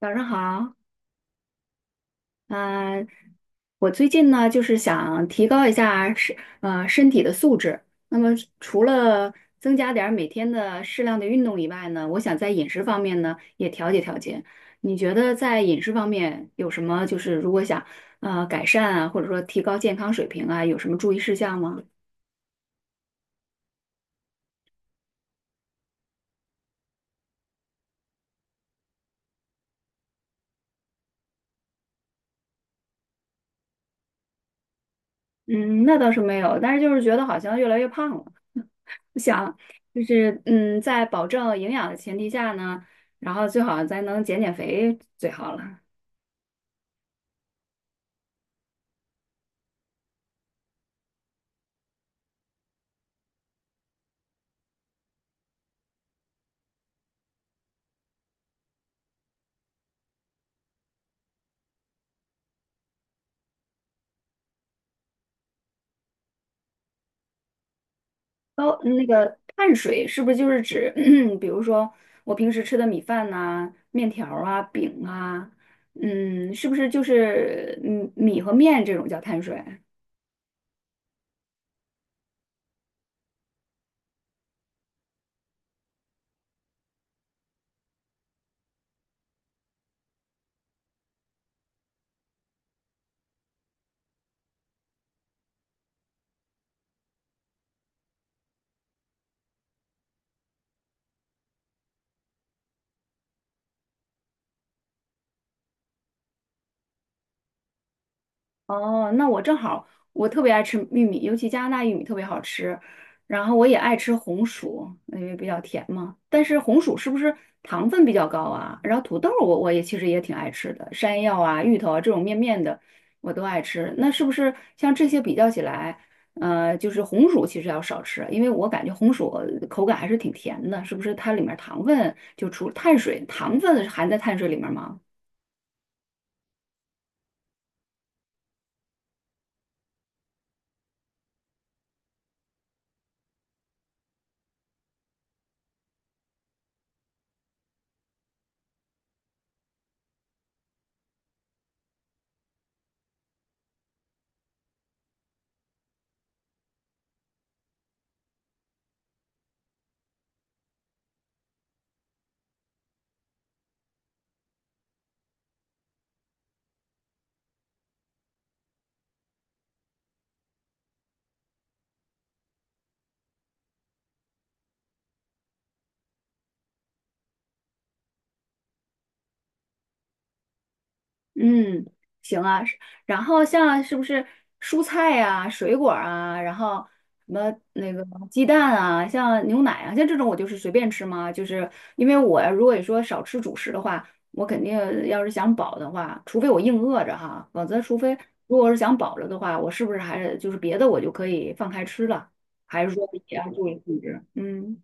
早上好，嗯、我最近呢就是想提高一下身体的素质。那么除了增加点儿每天的适量的运动以外呢，我想在饮食方面呢也调节调节。你觉得在饮食方面有什么就是如果想改善啊，或者说提高健康水平啊，有什么注意事项吗？嗯，那倒是没有，但是就是觉得好像越来越胖了。我想就是嗯，在保证营养的前提下呢，然后最好咱能减减肥最好了。高嗯那个碳水是不是就是指，比如说我平时吃的米饭呐、面条儿啊、饼啊，嗯，是不是就是嗯米和面这种叫碳水？哦，那我正好，我特别爱吃玉米，尤其加拿大玉米特别好吃。然后我也爱吃红薯，因为比较甜嘛。但是红薯是不是糖分比较高啊？然后土豆我也其实也挺爱吃的，山药啊、芋头啊这种面面的我都爱吃。那是不是像这些比较起来，就是红薯其实要少吃，因为我感觉红薯口感还是挺甜的，是不是它里面糖分就除碳水，糖分含在碳水里面吗？嗯，行啊。是然后像是不是蔬菜啊、水果啊，然后什么那个鸡蛋啊，像牛奶啊，像这种我就是随便吃吗？就是因为我如果说少吃主食的话，我肯定要是想饱的话，除非我硬饿着哈，否则除非如果是想饱了的话，我是不是还是就是别的我就可以放开吃了？还是说也要注意控制？嗯。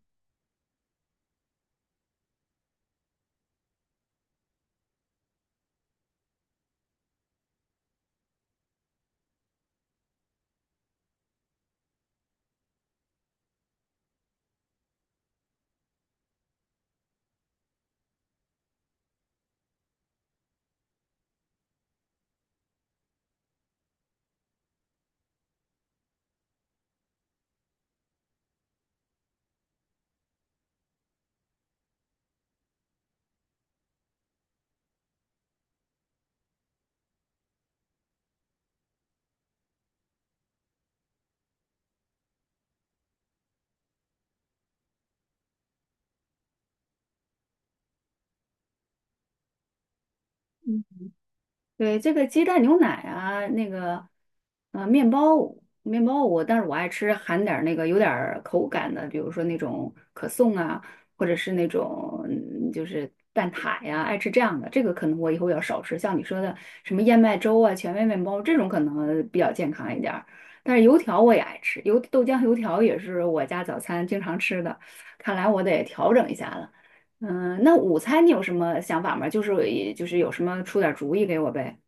对，这个鸡蛋牛奶啊，那个，面包，面包我，但是我爱吃含点儿那个有点儿口感的，比如说那种可颂啊，或者是那种嗯就是蛋挞呀，爱吃这样的。这个可能我以后要少吃，像你说的什么燕麦粥啊、全麦面包这种可能比较健康一点儿但是油条我也爱吃，油豆浆油条也是我家早餐经常吃的，看来我得调整一下了。嗯，那午餐你有什么想法吗？就是就是有什么出点儿主意给我呗。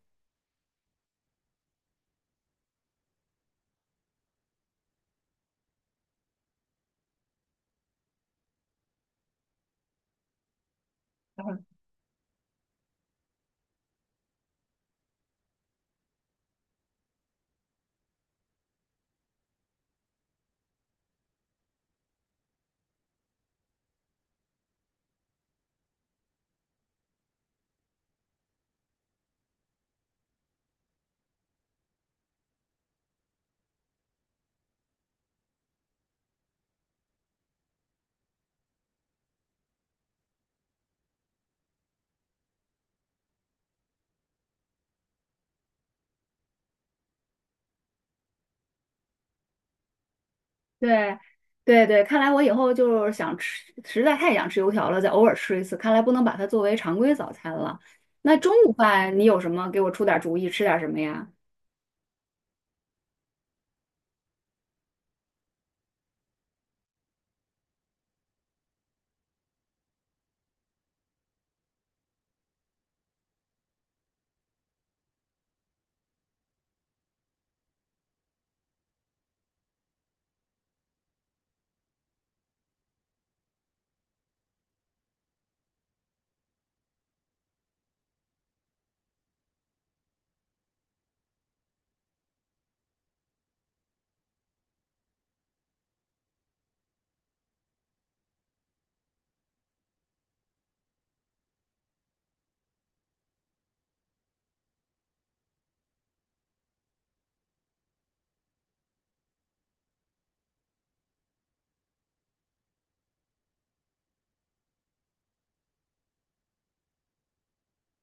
对，对对，看来我以后就是想吃，实在太想吃油条了，再偶尔吃一次。看来不能把它作为常规早餐了。那中午饭你有什么？给我出点主意，吃点什么呀？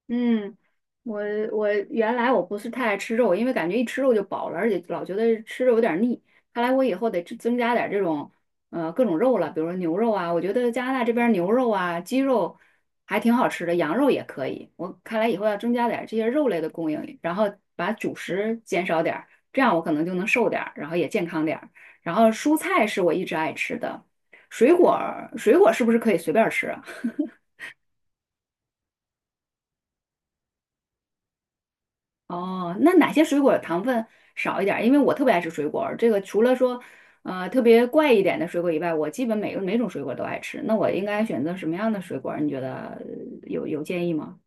嗯，我我原来我不是太爱吃肉，因为感觉一吃肉就饱了，而且老觉得吃肉有点腻。看来我以后得增加点这种各种肉了，比如说牛肉啊，我觉得加拿大这边牛肉啊、鸡肉还挺好吃的，羊肉也可以。我看来以后要增加点这些肉类的供应，然后把主食减少点儿，这样我可能就能瘦点儿，然后也健康点儿。然后蔬菜是我一直爱吃的，水果是不是可以随便儿吃啊？哦，那哪些水果糖分少一点儿因为我特别爱吃水果儿这个除了说，特别怪一点的水果以外，我基本每个每种水果都爱吃。那我应该选择什么样的水果儿你觉得有建议吗？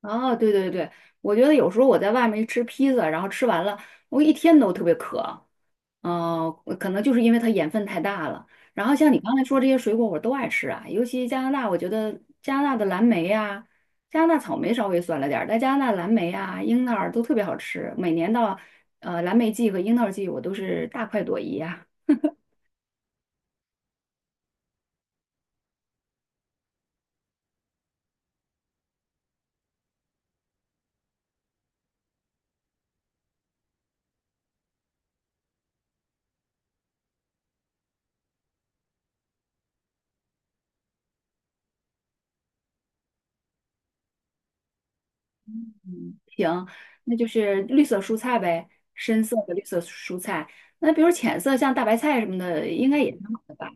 哦，对对对，我觉得有时候我在外面一吃披萨，然后吃完了，我一天都特别渴，哦，可能就是因为它盐分太大了。然后像你刚才说这些水果，我都爱吃啊，尤其加拿大，我觉得加拿大的蓝莓呀、加拿大草莓稍微酸了点儿，但加拿大蓝莓啊、樱桃儿都特别好吃。每年到蓝莓季和樱桃季，我都是大快朵颐啊。行，那就是绿色蔬菜呗，深色的绿色蔬菜。那比如浅色像大白菜什么的，应该也挺好的吧。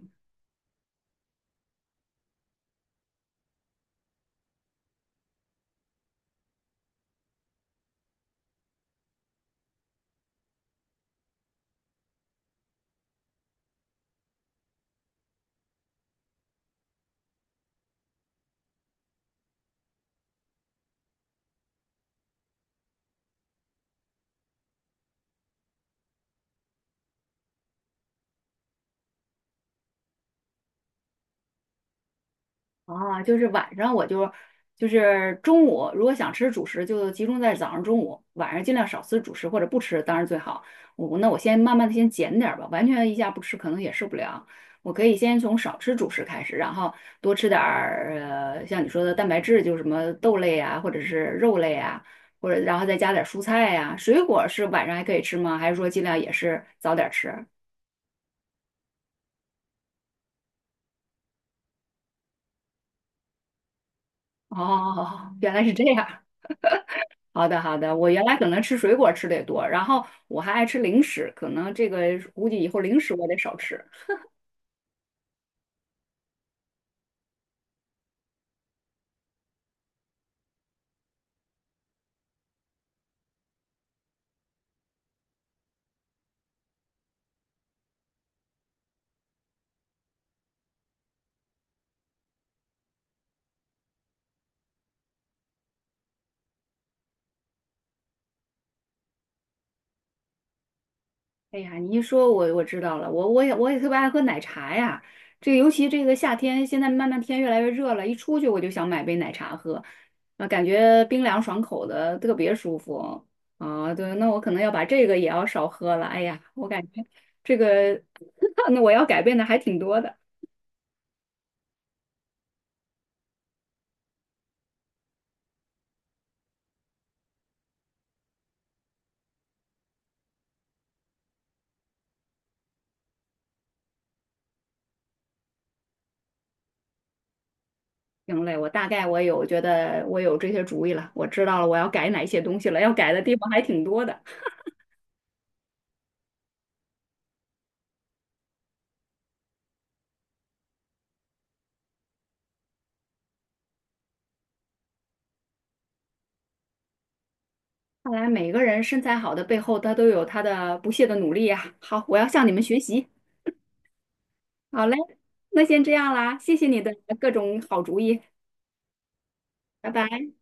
啊，就是晚上我就就是中午，如果想吃主食，就集中在早上、中午，晚上尽量少吃主食或者不吃，当然最好。我那我先慢慢的先减点儿吧，完全一下不吃可能也受不了。我可以先从少吃主食开始，然后多吃点儿像你说的蛋白质，就是什么豆类啊，或者是肉类啊，或者然后再加点儿蔬菜呀、水果是晚上还可以吃吗？还是说尽量也是早点儿吃？哦，原来是这样。好的，好的。我原来可能吃水果吃的也多，然后我还爱吃零食，可能这个估计以后零食我得少吃。哎呀，你一说我知道了，我我也我也特别爱喝奶茶呀。这尤其这个夏天，现在慢慢天越来越热了，一出去我就想买杯奶茶喝，啊，感觉冰凉爽口的，特别舒服。啊，对，那我可能要把这个也要少喝了。哎呀，我感觉这个 那我要改变的还挺多的。行嘞，我大概觉得我有这些主意了，我知道了我要改哪些东西了，要改的地方还挺多的。看来每个人身材好的背后，他都有他的不懈的努力呀、好，我要向你们学习。好嘞，那先这样啦，谢谢你的各种好主意，拜拜。